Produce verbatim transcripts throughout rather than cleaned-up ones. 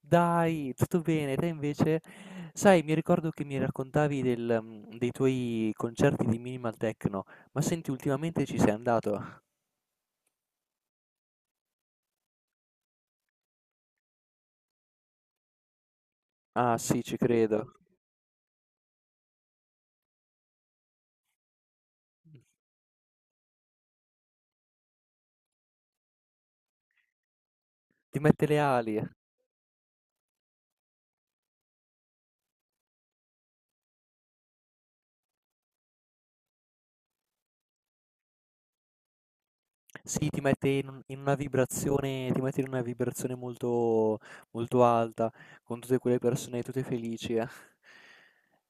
Dai, tutto bene. Te invece? Sai, mi ricordo che mi raccontavi del, mhmm, dei tuoi concerti di minimal techno, ma senti ultimamente ci sei andato? Ah sì, ci credo. Ti mette le ali. Sì, ti mette in un in una vibrazione ti mette in una vibrazione molto molto alta, con tutte quelle persone tutte felici, eh.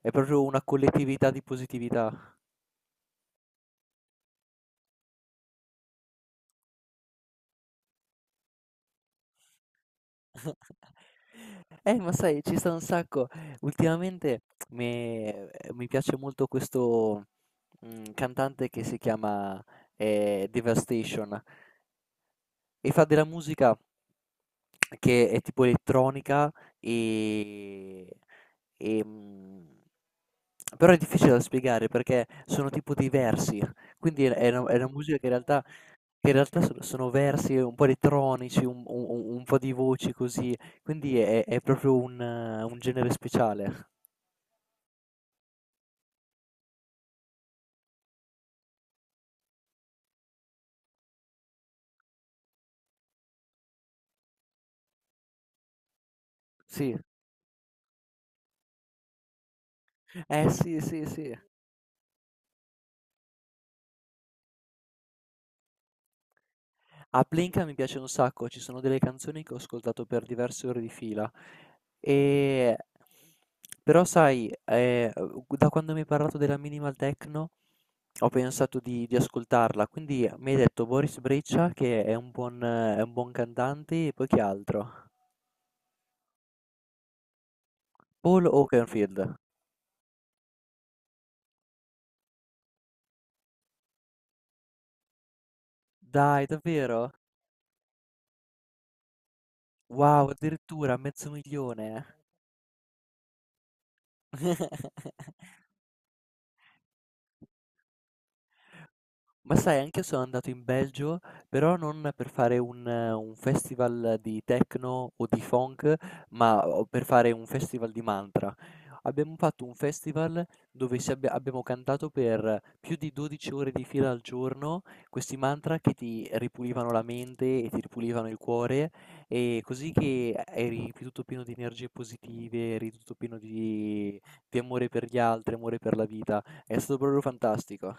È proprio una collettività di positività. Eh, ma sai, ci sta un sacco. Ultimamente me- eh, mi piace molto questo mm, cantante che si chiama eh, Devastation e fa della musica che è tipo elettronica e, e, mm, però è difficile da spiegare perché sono tipo dei versi, quindi è è una, è una musica che in realtà che In realtà sono sono versi un po' elettronici, un u u un po' di voci così, quindi è è proprio un eh, un genere speciale. Sì. Eh sì, sì, sì. A Plinka mi piace un sacco, ci sono delle canzoni che ho ascoltato per diverse ore di fila. Ehm, Però sai, ehm, uhm, da quando mi hai parlato della minimal techno, ho pensato di di ascoltarla, quindi mi hai detto Boris Brejcha che è un buon eh, è un buon cantante e poi chi altro? Paul Oakenfold. Dai, davvero? Wow, addirittura mezzo milione. Ma sai, anch'io sono andato in Belgio, però non per fare un un festival di techno o di funk, ma o per fare un festival di mantra. Abbiamo fatto un festival dove si abbia- abbiamo cantato per più di dodici ore di fila al giorno, questi mantra che ti ripulivano la mente e ti ripulivano il cuore, e così che eri più tutto pieno di energie positive, eri tutto pieno di, di amore per gli altri, amore per la vita. È stato proprio fantastico.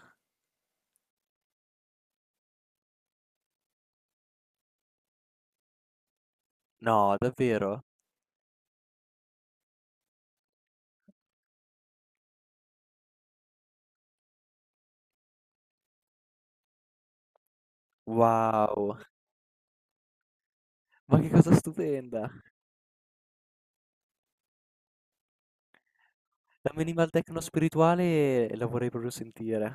No, davvero? Wow, ma che cosa stupenda! La minimal techno spirituale la vorrei proprio sentire,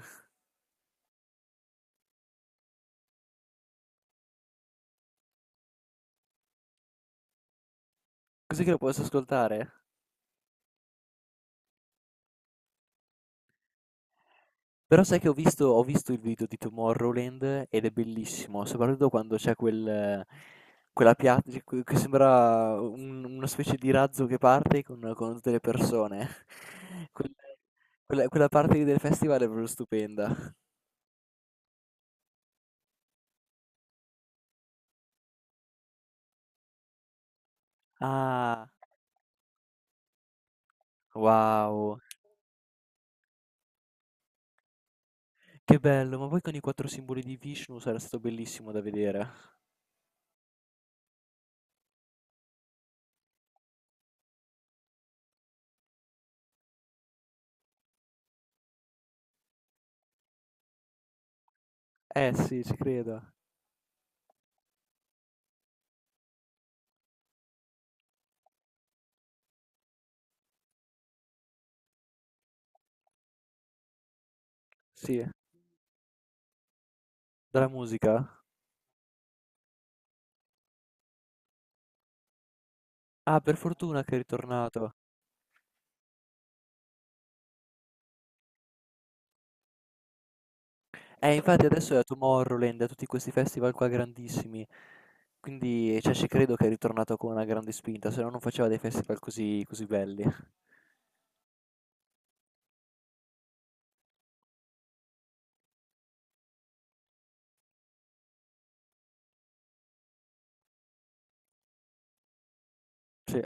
così che la posso ascoltare. Però sai che ho visto, ho visto il video di Tomorrowland ed è bellissimo, soprattutto quando c'è quel, quella piatta che che sembra un- una specie di razzo che parte con, con tutte le persone. Quel- Quella, quella parte lì del festival è proprio stupenda. Ah, wow, che bello, ma poi con i quattro simboli di Vishnu sarà stato bellissimo da vedere. Eh sì, ci credo. Sì, dalla musica? Ah, per fortuna che è ritornato. Eh, infatti adesso è a Tomorrowland, a tutti questi festival qua grandissimi. Quindi, cioè, ci credo che è ritornato con una grande spinta, se no non faceva dei festival così, così belli. Sì.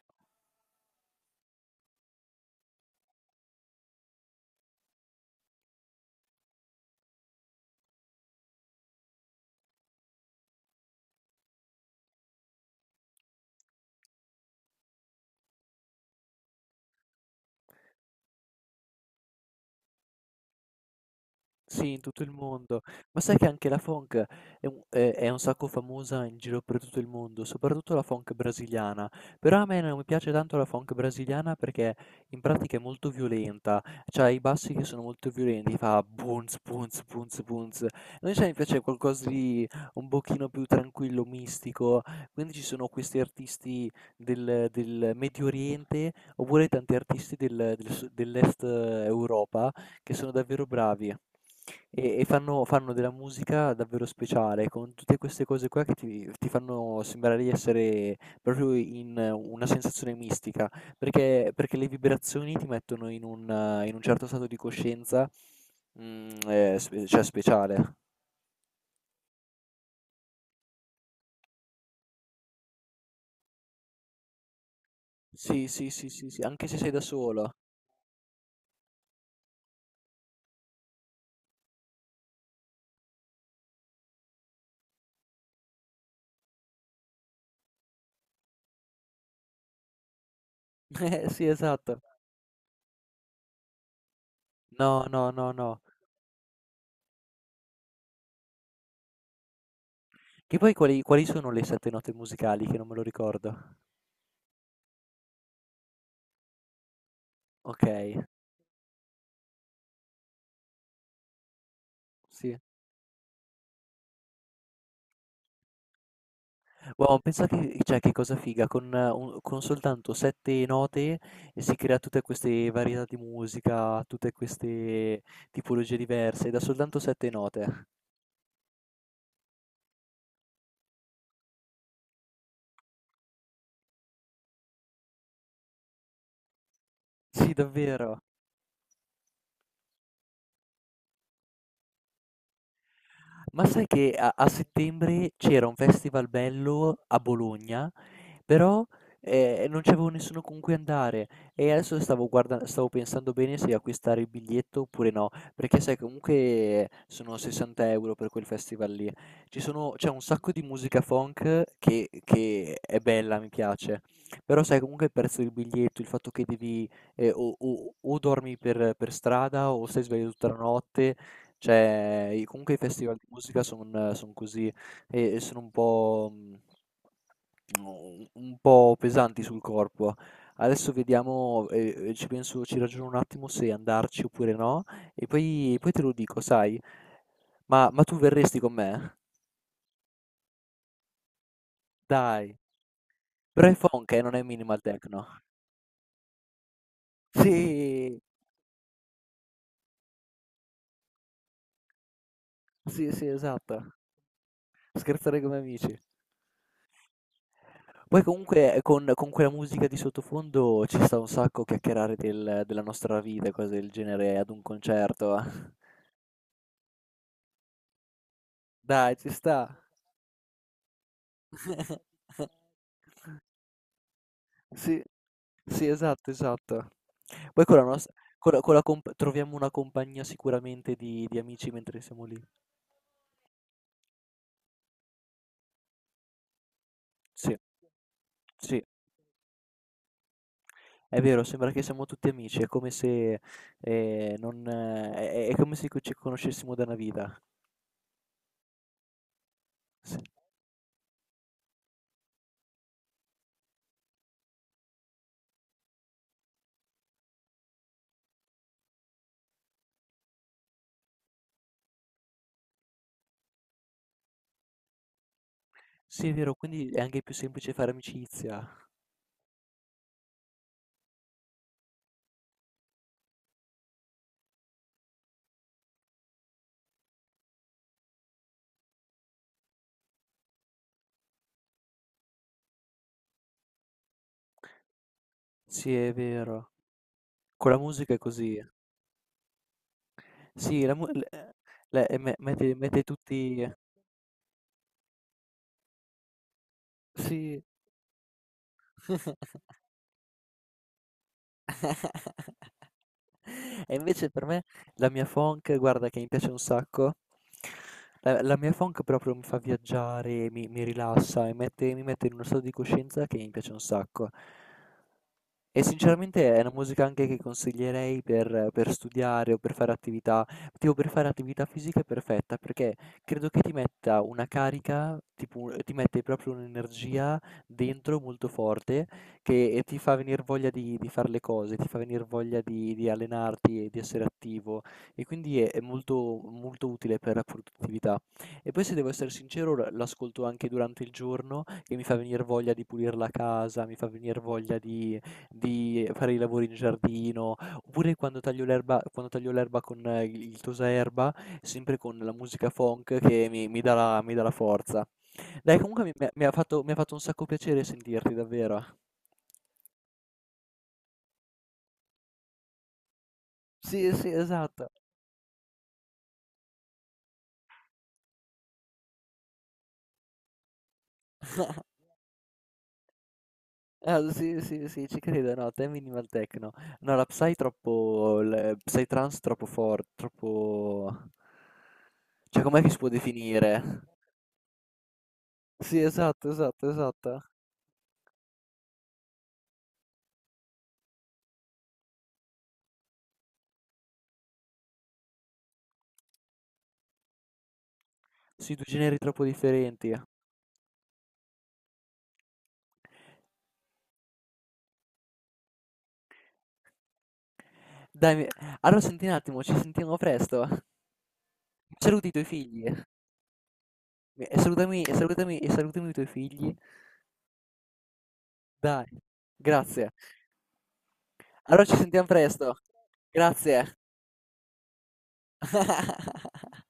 Sì, in tutto il mondo. Ma sai che anche la funk è un è è un sacco famosa in giro per tutto il mondo, soprattutto la funk brasiliana. Però a me non mi piace tanto la funk brasiliana perché in pratica è molto violenta, c'ha i bassi che sono molto violenti, fa bounce, bounce, bounce, bounce. Invece a me piace qualcosa di un pochino più tranquillo, mistico. Quindi ci sono questi artisti del, del Medio Oriente oppure tanti artisti del- del su- dell'Est Europa che sono davvero bravi. E e fanno fanno della musica davvero speciale, con tutte queste cose qua che ti ti fanno sembrare di essere proprio in eh, una sensazione mistica, perché perché le vibrazioni ti mettono in un eh, in un certo stato di coscienza, mhmm, ehm, sp cioè speciale. Sì, sì, sì, sì, sì, anche se sei da solo. Eh, sì, esatto. No, no, no, no. Che poi quali quali sono le sette note musicali che non me lo ricordo? Okay, sì. Wow, pensa che, cioè, che cosa figa, con, eh, un- con soltanto sette note eh, si crea tutte queste varietà di musica, tutte queste tipologie diverse, da soltanto sette note. Sì, davvero. Ma sai che a, a settembre c'era un festival bello a Bologna. Però, ehm, non c'avevo nessuno con cui andare, e adesso stavo guarda stavo pensando bene se acquistare il biglietto oppure no, perché sai comunque sono sessanta euro € per quel festival lì. Ci sono c'è un sacco di musica funk che che è bella, mi piace, però sai comunque il prezzo del biglietto, il fatto che devi ehm, o o o dormi per per strada o stai sveglio tutta la notte, cioè i comunque i festival di musica son son così e e sono un po', mhmm, u un po' pesanti sul corpo. Adesso vediamo, ehm, ci penso, ci ragiono un attimo se andarci oppure no, e poi poi te lo dico, sai. Ma ma tu verresti con me? Dai, però è funk eh, non è minimal techno. Sì, sì, sì, esatto. Scherzare come amici. Poi comunque eh, con con quella musica di sottofondo ci sta un sacco chiacchierare del della nostra vita e cose del genere ad un concerto. Dai, ci sta. Sì, sì, esatto, esatto. Poi con la nos con la con la comp troviamo una compagnia sicuramente di di amici mentre siamo lì. Sì, sì, è vero, sembra che siamo tutti amici, è come se, ehm, non, eh, è è come se co ci conoscessimo da una vita. Sì. Sì, è vero, quindi è anche più semplice fare amicizia. Sì, è vero. Con la musica è così. Sì, la mu l ehm, le me mette mette tutti, sì. E invece per me la mia funk, guarda che mi piace un sacco. La, la mia funk proprio mi fa viaggiare, mi, mi rilassa e mette- mi mette in uno stato di coscienza che mi piace un sacco. E sinceramente è una musica anche che consiglierei per, per studiare o per fare attività, tipo per fare attività fisica è perfetta perché credo che ti metta una carica, tipo, ti mette proprio un'energia dentro molto forte che eh, ti fa venire voglia di, di fare le cose, ti fa venire voglia di, di allenarti e di essere attivo, e quindi è, è molto, molto utile per la produttività. E poi se devo essere sincero l- l'ascolto anche durante il giorno, che mi fa venire voglia di pulire la casa, mi fa venire voglia di di fare i lavori in giardino, oppure quando taglio l'erba quando taglio l'erba con eh, il il tosaerba, sempre con la musica funk che mi mi dà la mi dà la forza. Dai comunque mi mi ha mi ha fatto mi ha fatto un sacco piacere sentirti davvero. Sì, sì, esatto. Ah, sì, sì, sì, ci credo, no, te minimal techno. No, la psy troppo l psytrance troppo for troppo, cioè com'è che si può definire? Sì, esatto, esatto, esatto. Sì, due generi troppo differenti. Dai, mi- allora senti un attimo, ci sentiamo presto. Saluti i tuoi figli. E salutami, e salutami, e salutami i tuoi figli. Dai, grazie. Allora ci sentiamo presto. Grazie.